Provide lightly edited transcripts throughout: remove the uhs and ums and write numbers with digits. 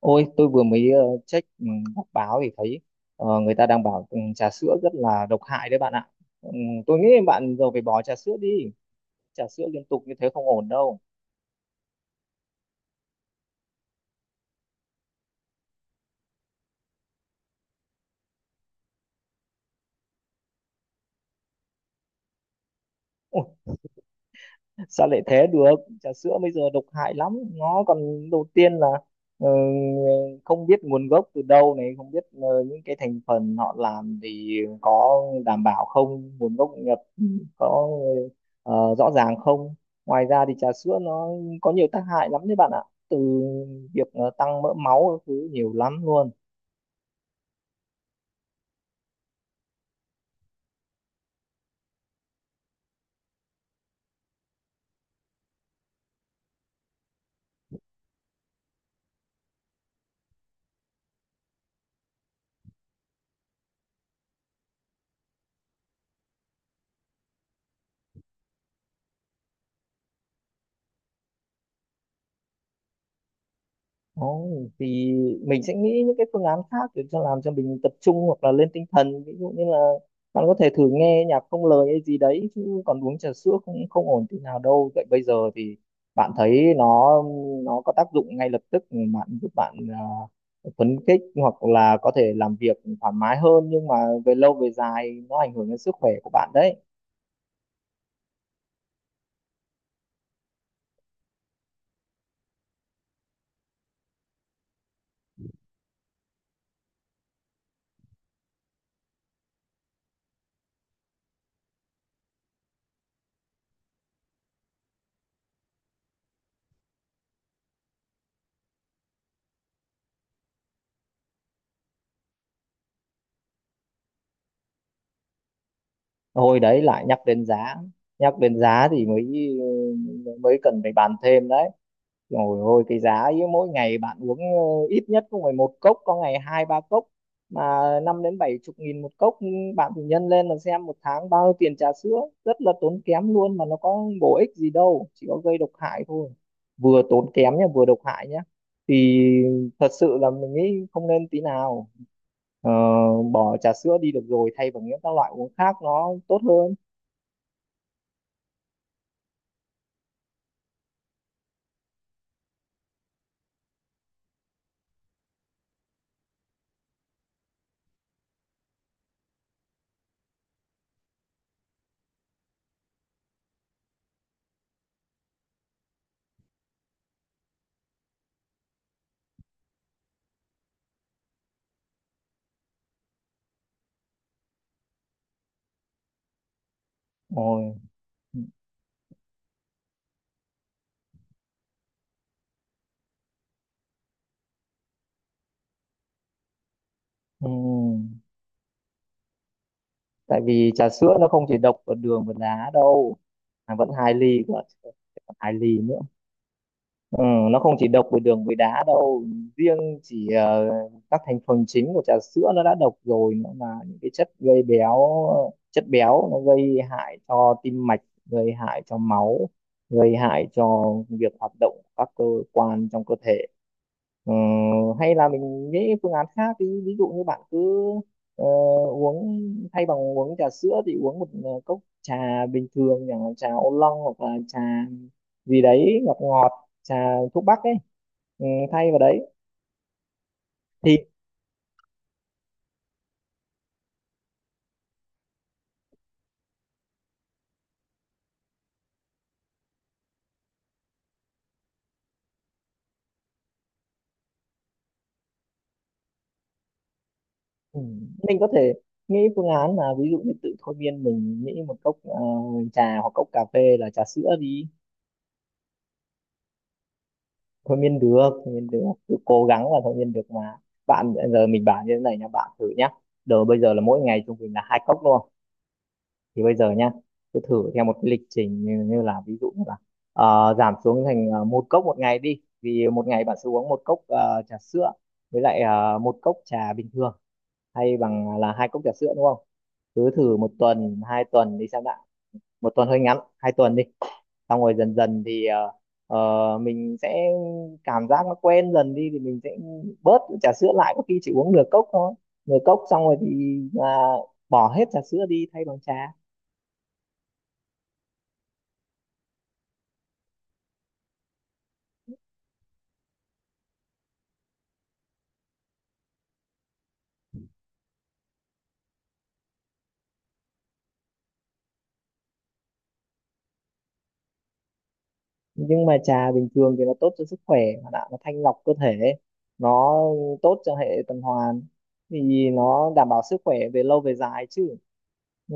Ôi, tôi vừa mới check, đọc báo thì thấy người ta đang bảo, trà sữa rất là độc hại đấy bạn ạ. Ừ, tôi nghĩ bạn giờ phải bỏ trà sữa đi. Trà sữa liên tục như thế không ổn đâu. Sao lại thế được? Trà sữa bây giờ độc hại lắm, nó còn, đầu tiên là ờ, không biết nguồn gốc từ đâu này, không biết những cái thành phần họ làm thì có đảm bảo không, nguồn gốc nhập có rõ ràng không. Ngoài ra thì trà sữa nó có nhiều tác hại lắm đấy bạn ạ, từ việc tăng mỡ máu các thứ nhiều lắm luôn. Ồ, thì mình sẽ nghĩ những cái phương án khác để cho làm cho mình tập trung hoặc là lên tinh thần, ví dụ như là bạn có thể thử nghe nhạc không lời hay gì đấy, chứ còn uống trà sữa không, không ổn tí nào đâu. Vậy bây giờ thì bạn thấy nó có tác dụng ngay lập tức, bạn giúp bạn à, phấn khích hoặc là có thể làm việc thoải mái hơn, nhưng mà về lâu về dài nó ảnh hưởng đến sức khỏe của bạn đấy. Hồi đấy lại nhắc đến giá, nhắc đến giá thì mới mới cần phải bàn thêm đấy. Rồi, ôi cái giá ấy, mỗi ngày bạn uống ít nhất cũng phải một cốc, có ngày hai ba cốc, mà năm đến bảy chục nghìn một cốc, bạn thì nhân lên mà xem một tháng bao nhiêu tiền, trà sữa rất là tốn kém luôn mà nó có bổ ích gì đâu, chỉ có gây độc hại thôi. Vừa tốn kém nhá, vừa độc hại nhá, thì thật sự là mình nghĩ không nên tí nào. Ờ, bỏ trà sữa đi được rồi, thay bằng những các loại uống khác nó tốt hơn. Rồi. Ừ. Ừ. Tại vì trà sữa nó không chỉ độc ở đường và đá đâu. À, vẫn hai ly cơ, còn hai ly nữa. Ừ, nó không chỉ độc về đường với đá đâu. Riêng chỉ các thành phần chính của trà sữa nó đã độc rồi, nó là những cái chất gây béo. Chất béo nó gây hại cho tim mạch, gây hại cho máu, gây hại cho việc hoạt động của các cơ quan trong cơ thể. Ờ, hay là mình nghĩ phương án khác đi, ví dụ như bạn cứ ờ, uống thay bằng uống trà sữa thì uống một cốc trà bình thường chẳng hạn, trà ô long hoặc là trà gì đấy ngọt ngọt, trà thuốc bắc ấy. Ừ, thay vào đấy thì ừ, mình có thể nghĩ phương án là ví dụ như tự thôi miên mình, nghĩ một cốc trà hoặc cốc cà phê là trà sữa đi. Thôi miên được, thôi miên được, cứ cố gắng là thôi miên được mà. Bạn giờ mình bảo như thế này nha, bạn thử nhá, giờ bây giờ là mỗi ngày trung bình là hai cốc luôn, thì bây giờ nhá cứ thử theo một cái lịch trình như là ví dụ như là giảm xuống thành một cốc một ngày đi, vì một ngày bạn sẽ uống một cốc trà sữa với lại một cốc trà bình thường, hay bằng là hai cốc trà sữa đúng không? Cứ thử một tuần hai tuần đi xem đã. Một tuần hơi ngắn, hai tuần đi. Xong rồi dần dần thì mình sẽ cảm giác nó quen dần đi, thì mình sẽ bớt trà sữa lại, có khi chỉ uống nửa cốc thôi. Nửa cốc xong rồi thì à, bỏ hết trà sữa đi thay bằng trà. Nhưng mà trà bình thường thì nó tốt cho sức khỏe mà, đã nó thanh lọc cơ thể, nó tốt cho hệ tuần hoàn, thì nó đảm bảo sức khỏe về lâu về dài chứ. Ừ,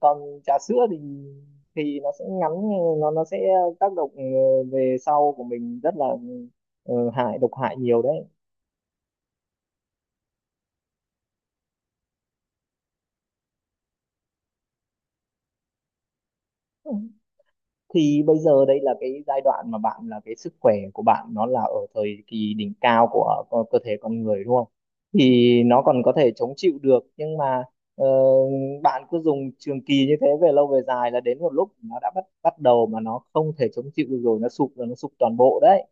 còn trà sữa thì nó sẽ ngắn, nó sẽ tác động về sau của mình rất là hại, độc hại nhiều đấy. Ừ. Thì bây giờ đây là cái giai đoạn mà bạn là cái sức khỏe của bạn nó là ở thời kỳ đỉnh cao của cơ thể con người đúng không, thì nó còn có thể chống chịu được, nhưng mà ờ, bạn cứ dùng trường kỳ như thế về lâu về dài là đến một lúc nó đã bắt bắt đầu mà nó không thể chống chịu được, rồi nó sụp, rồi nó sụp toàn bộ đấy.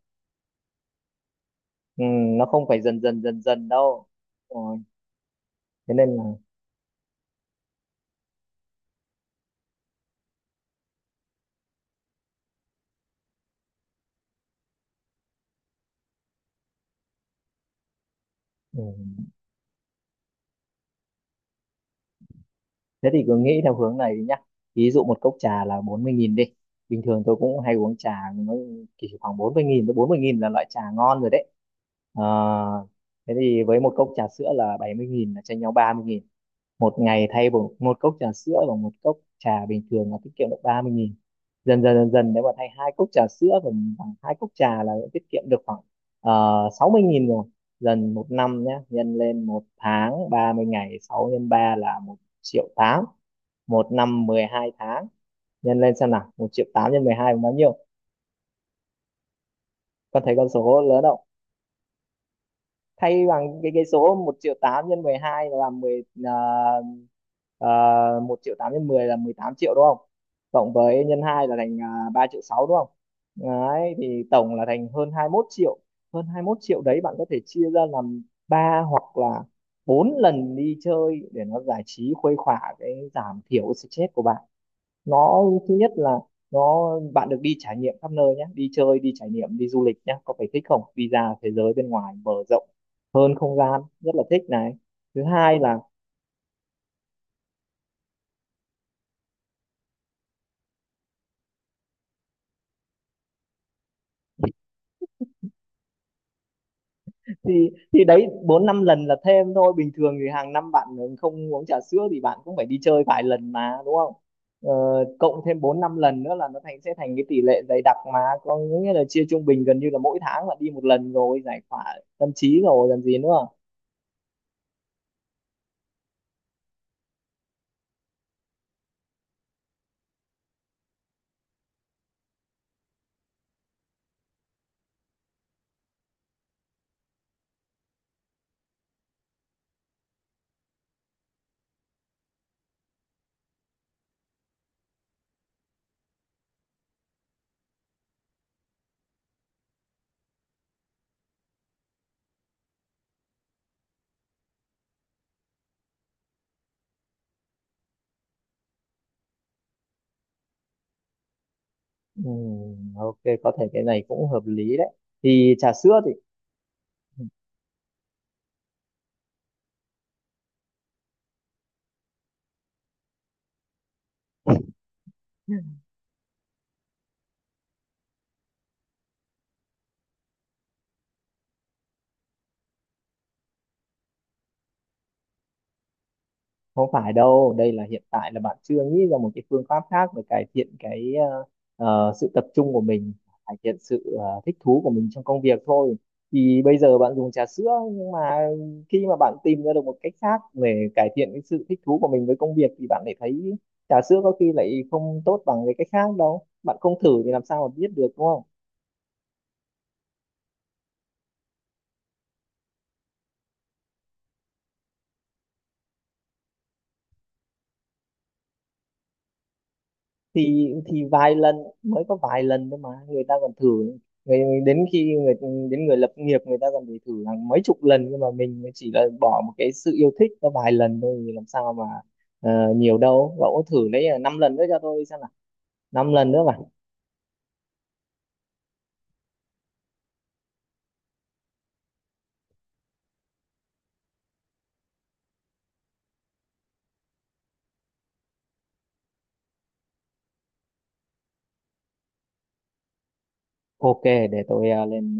Ừ, nó không phải dần dần dần dần đâu. Ờ, thế nên là. Ừ. Thế thì cứ nghĩ theo hướng này đi nhá, ví dụ một cốc trà là 40.000 đi, bình thường tôi cũng hay uống trà, nó chỉ khoảng bốn mươi nghìn, tới 40.000 là loại trà ngon rồi đấy. Ờ, thế thì với một cốc trà sữa là 70.000 là chênh nhau 30.000, một ngày thay bằng một cốc trà sữa bằng một cốc trà bình thường là tiết kiệm được 30.000, dần dần dần dần nếu mà thay hai cốc trà sữa bằng hai cốc trà là tiết kiệm được khoảng 60.000 rồi. Dần một năm nhé, nhân lên một tháng 30 ngày, 6 nhân 3 là một triệu tám, một năm 12 tháng, nhân lên xem nào, một triệu tám nhân 12 là bao nhiêu? Con thấy con số lớn không? Thay bằng cái số một triệu 8 nhân 12 là mười, 1 triệu 8 nhân 10 là 18 triệu đúng không? Cộng với nhân 2 là thành 3 triệu 6 đúng không? Đấy, thì tổng là thành hơn 21 triệu. Hơn 21 triệu đấy, bạn có thể chia ra làm 3 hoặc là 4 lần đi chơi để nó giải trí khuây khỏa, cái giảm thiểu stress của bạn. Nó thứ nhất là nó bạn được đi trải nghiệm khắp nơi nhé, đi chơi, đi trải nghiệm, đi du lịch nhé, có phải thích không, đi ra thế giới bên ngoài mở rộng hơn không gian rất là thích này. Thứ hai là. Thì đấy, bốn năm lần là thêm thôi, bình thường thì hàng năm bạn không uống trà sữa thì bạn cũng phải đi chơi vài lần mà đúng không? Ờ, cộng thêm bốn năm lần nữa là nó thành, sẽ thành cái tỷ lệ dày đặc mà, có nghĩa là chia trung bình gần như là mỗi tháng bạn đi một lần rồi, giải tỏa tâm trí rồi làm gì nữa. Ừ, ok, có thể cái này cũng hợp lý đấy. Thì trà sữa thì không phải đâu, đây là hiện tại là bạn chưa nghĩ ra một cái phương pháp khác để cải thiện cái sự tập trung của mình, cải thiện sự thích thú của mình trong công việc thôi. Thì bây giờ bạn dùng trà sữa, nhưng mà khi mà bạn tìm ra được một cách khác để cải thiện cái sự thích thú của mình với công việc thì bạn lại thấy trà sữa có khi lại không tốt bằng cái cách khác đâu. Bạn không thử thì làm sao mà biết được đúng không? Thì thì vài lần, mới có vài lần thôi mà, người ta còn thử, người đến khi người đến người lập nghiệp người ta còn phải thử hàng mấy chục lần, nhưng mà mình mới chỉ là bỏ một cái sự yêu thích có vài lần thôi thì làm sao mà nhiều đâu. Cậu thử lấy năm lần nữa cho tôi xem nào, năm lần nữa mà. Ok, để tôi lên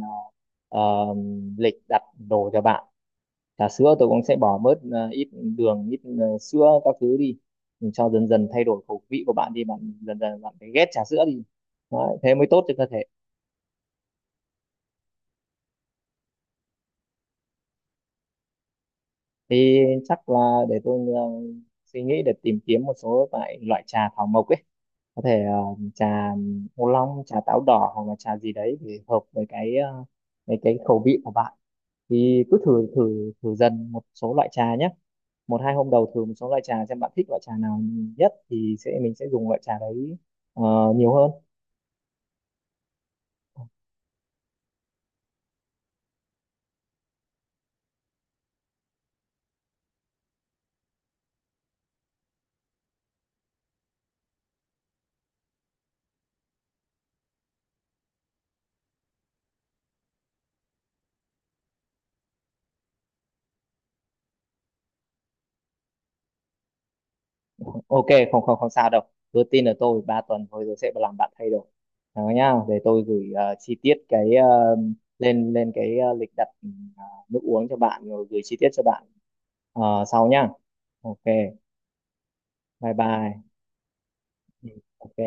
ờ, ờ, lịch đặt đồ cho bạn. Trà sữa tôi cũng sẽ bỏ bớt ít đường, ít sữa các thứ đi. Mình cho dần dần thay đổi khẩu vị của bạn đi, bạn dần dần bạn phải ghét trà sữa đi. Đấy, thế mới tốt cho cơ thể. Thì chắc là để tôi suy nghĩ để tìm kiếm một số loại loại trà thảo mộc ấy. Có thể trà ô long, trà táo đỏ hoặc là trà gì đấy thì hợp với cái với cái khẩu vị của bạn. Thì cứ thử thử thử dần một số loại trà nhé, một hai hôm đầu thử một số loại trà xem bạn thích loại trà nào nhất thì sẽ mình sẽ dùng loại trà đấy ờ, nhiều hơn. Ok, không, không, không sao đâu, cứ tin ở tôi, 3 tuần thôi rồi sẽ làm bạn thay đổi đó nhá. Để tôi gửi chi tiết cái lên lên cái lịch đặt ờ, nước uống cho bạn rồi gửi chi tiết cho bạn sau nhá. Ok, bye bye. Ừ, ok.